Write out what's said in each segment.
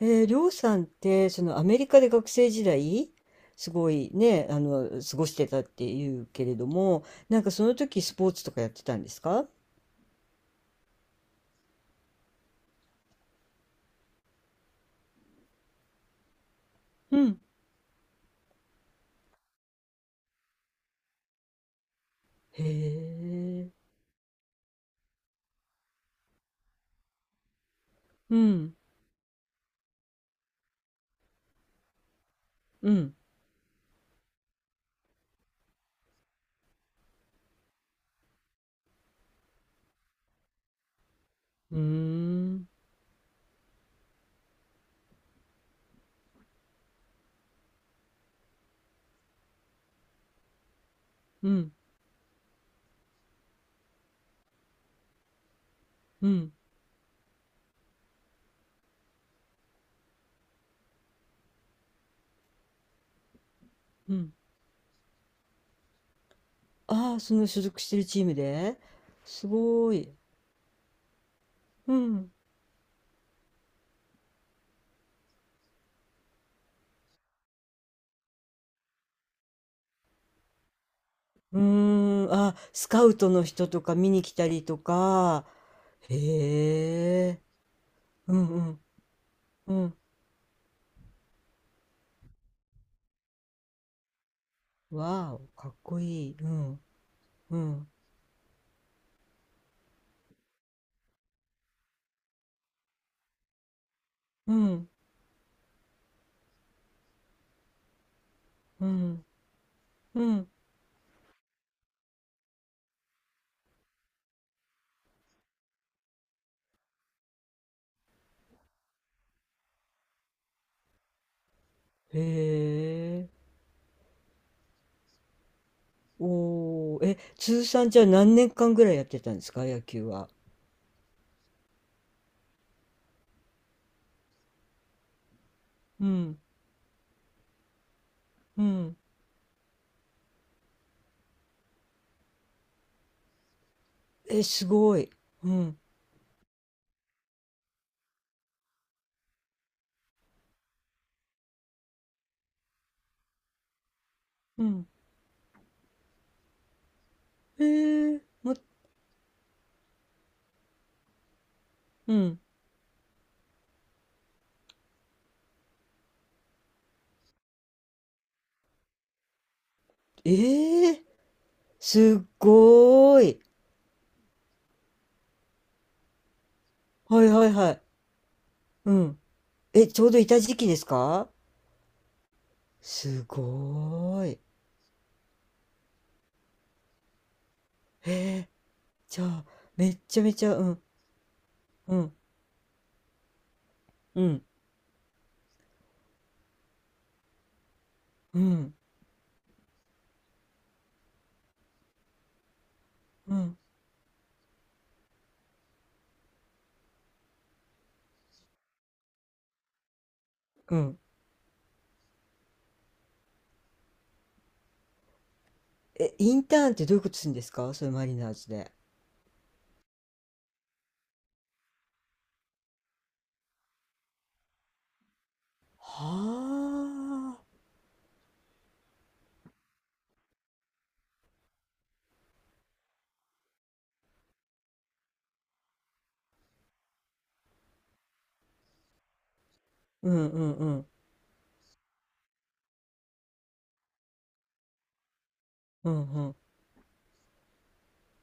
りょうさんって、そのアメリカで学生時代、すごいね、過ごしてたっていうけれども、なんかその時スポーツとかやってたんですか？うん。へえ。うん。うん。うーん。うん。うん。うん。ああ、その所属してるチームで。すごい。うん。うーん。あ、スカウトの人とか見に来たりとか。へえ。うんうん。うん。わあ、かっこいい。うん。うん、うん、うん、うん。へえ。おー、え、通算じゃあ何年間ぐらいやってたんですか、野球は。うん、うん。え、すごい。うん、うん。へえ、うん。ええ、すっごーい。はいはいはい。うん。え、ちょうどいた時期ですか？すごーい。へえ、じゃあ、めっちゃめちゃ、うん、うん、うん、うん、うん、うん。え、インターンってどういうことするんですか、それマリナーズで？はあ。うんうんうんうんうん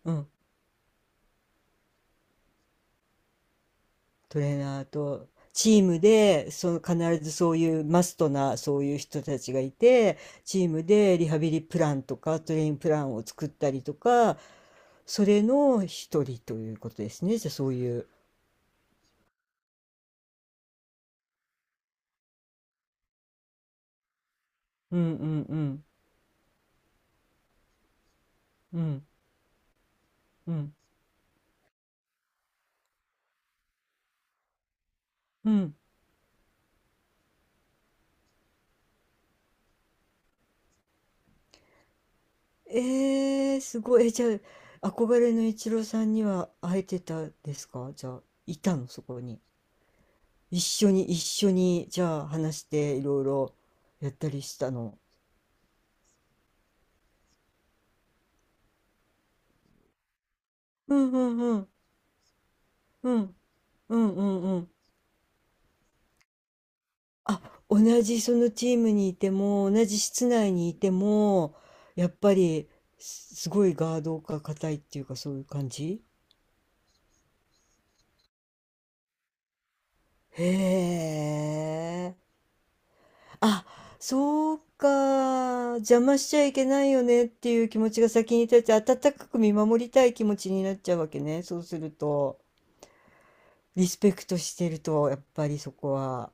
うん。トレーナーとチームで、その必ずそういうマストなそういう人たちがいて、チームでリハビリプランとかトレインプランを作ったりとか、それの一人ということですねじゃあ、そういう。うんうんうんうんうんうん。すごい。え、じゃあ、憧れのイチローさんには会えてたですかじゃあ、いたの、そこに？一緒に、一緒に、じゃあ、話して、いろいろやったりしたの？うんうんうん。うん。うんうんうん。あ、同じそのチームにいても、同じ室内にいても、やっぱり、すごいガードが硬いっていうか、そういう感じ。へえ。あ、そうか。邪魔しちゃいけないよねっていう気持ちが先に立って、温かく見守りたい気持ちになっちゃうわけね。そうすると。リスペクトしてると、やっぱりそこは。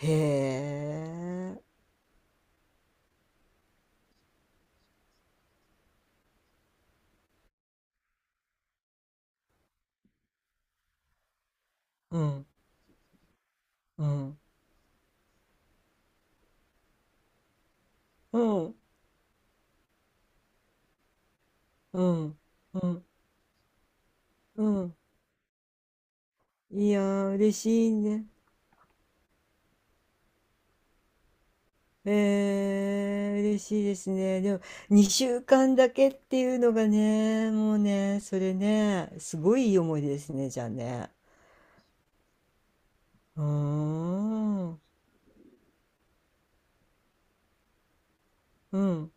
へえ。うん、うん、うん、うん、うん、うん。いやー、嬉しいね。え嬉しいですね。でも、2週間だけっていうのがね、もうね、それね、すごいいい思い出ですね、じゃあね。うーん、うん。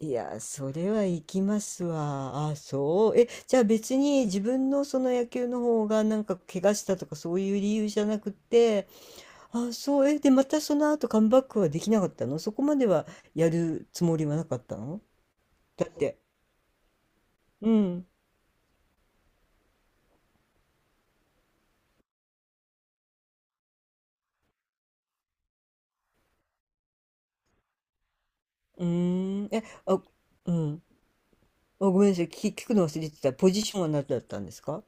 いや、それは行きますわ。あ、そう。え、じゃあ別に自分のその野球の方がなんか怪我したとかそういう理由じゃなくて。あ、そう。え、で、またその後カムバックはできなかったの、そこまではやるつもりはなかったの？だって。うん。うーん。え、あ、うん。あ、ごめんなさい。聞くの忘れてた。ポジションは何だったんですか？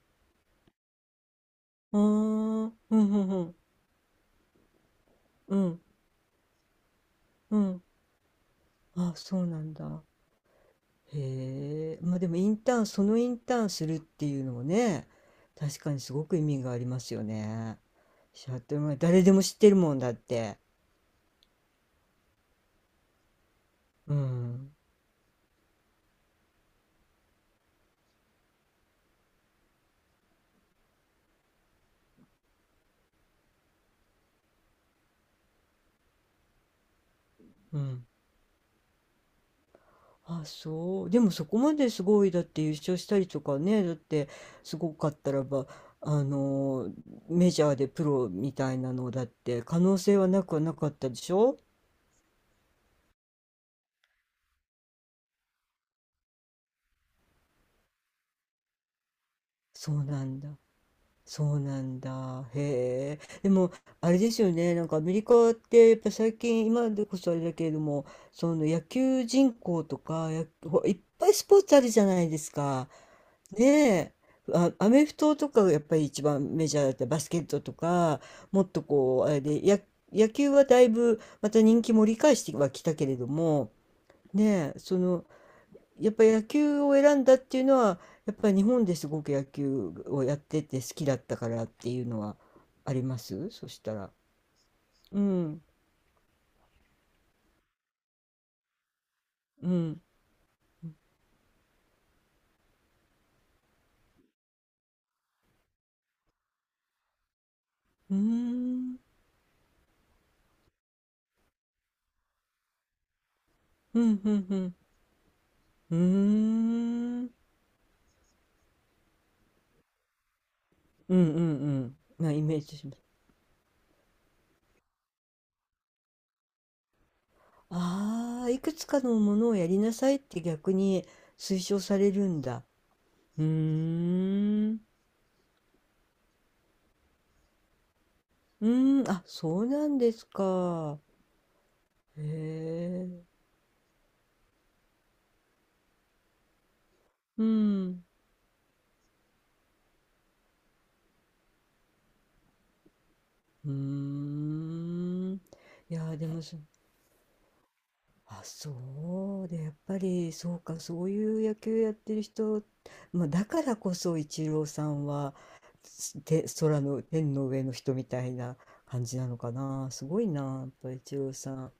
あー、うん、うん、うん。うん、うん。あ、そうなんだ。へえ、まあでもインターン、そのインターンするっていうのもね、確かにすごく意味がありますよね。シャトルが誰でも知ってるもんだって。うん、うん。あ、そう。でもそこまですごい、だって優勝したりとかね、だってすごかったらば、あの、メジャーでプロみたいなのだって可能性はなくはなかったでしょ？そうなんだ。そうなんだ。へえ。でも、あれですよね。なんかアメリカって、やっぱ最近、今でこそあれだけれども、その野球人口とか、いっぱいスポーツあるじゃないですか。ねえ。あ、アメフトとかがやっぱり一番メジャーだったり、バスケットとか、もっとこう、あれで、野球はだいぶまた人気盛り返してはきたけれども、ねえ、その、やっぱ野球を選んだっていうのは、やっぱり日本ですごく野球をやってて好きだったからっていうのはありますそしたら？うん、うん、うーん、うん、うん、うん、うーん、うん、うん、うんなイメージします。ああ、いくつかのものをやりなさいって逆に推奨されるんだ。うーん、うーん、あ、そうなんですか。へえ、うん。うーん。いやー、でも、あ、そうで、やっぱり、そうか、そういう野球やってる人、まあ、だからこそ、イチローさんは、空の、天の上の人みたいな感じなのかな。すごいな、やっぱイチローさん。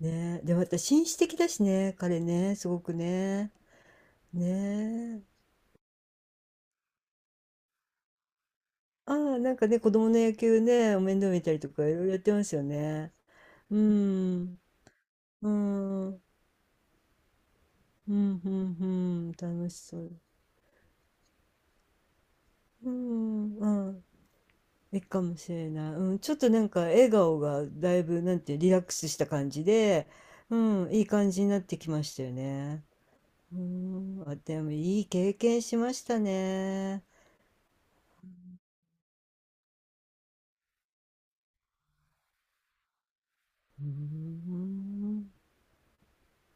ねえ、で、また紳士的だしね、彼ね、すごくね。ねえ。ああ、なんかね、子供の野球ね、お面倒見たりとか、いろいろやってますよね。うん。うん。うん、うん、うん、楽しそう。うん、うん、いいかもしれない。うん、ちょっとなんか笑顔がだいぶ、なんていう、リラックスした感じで、うん、いい感じになってきましたよね。うん、あ、でもいい経験しましたね。うん。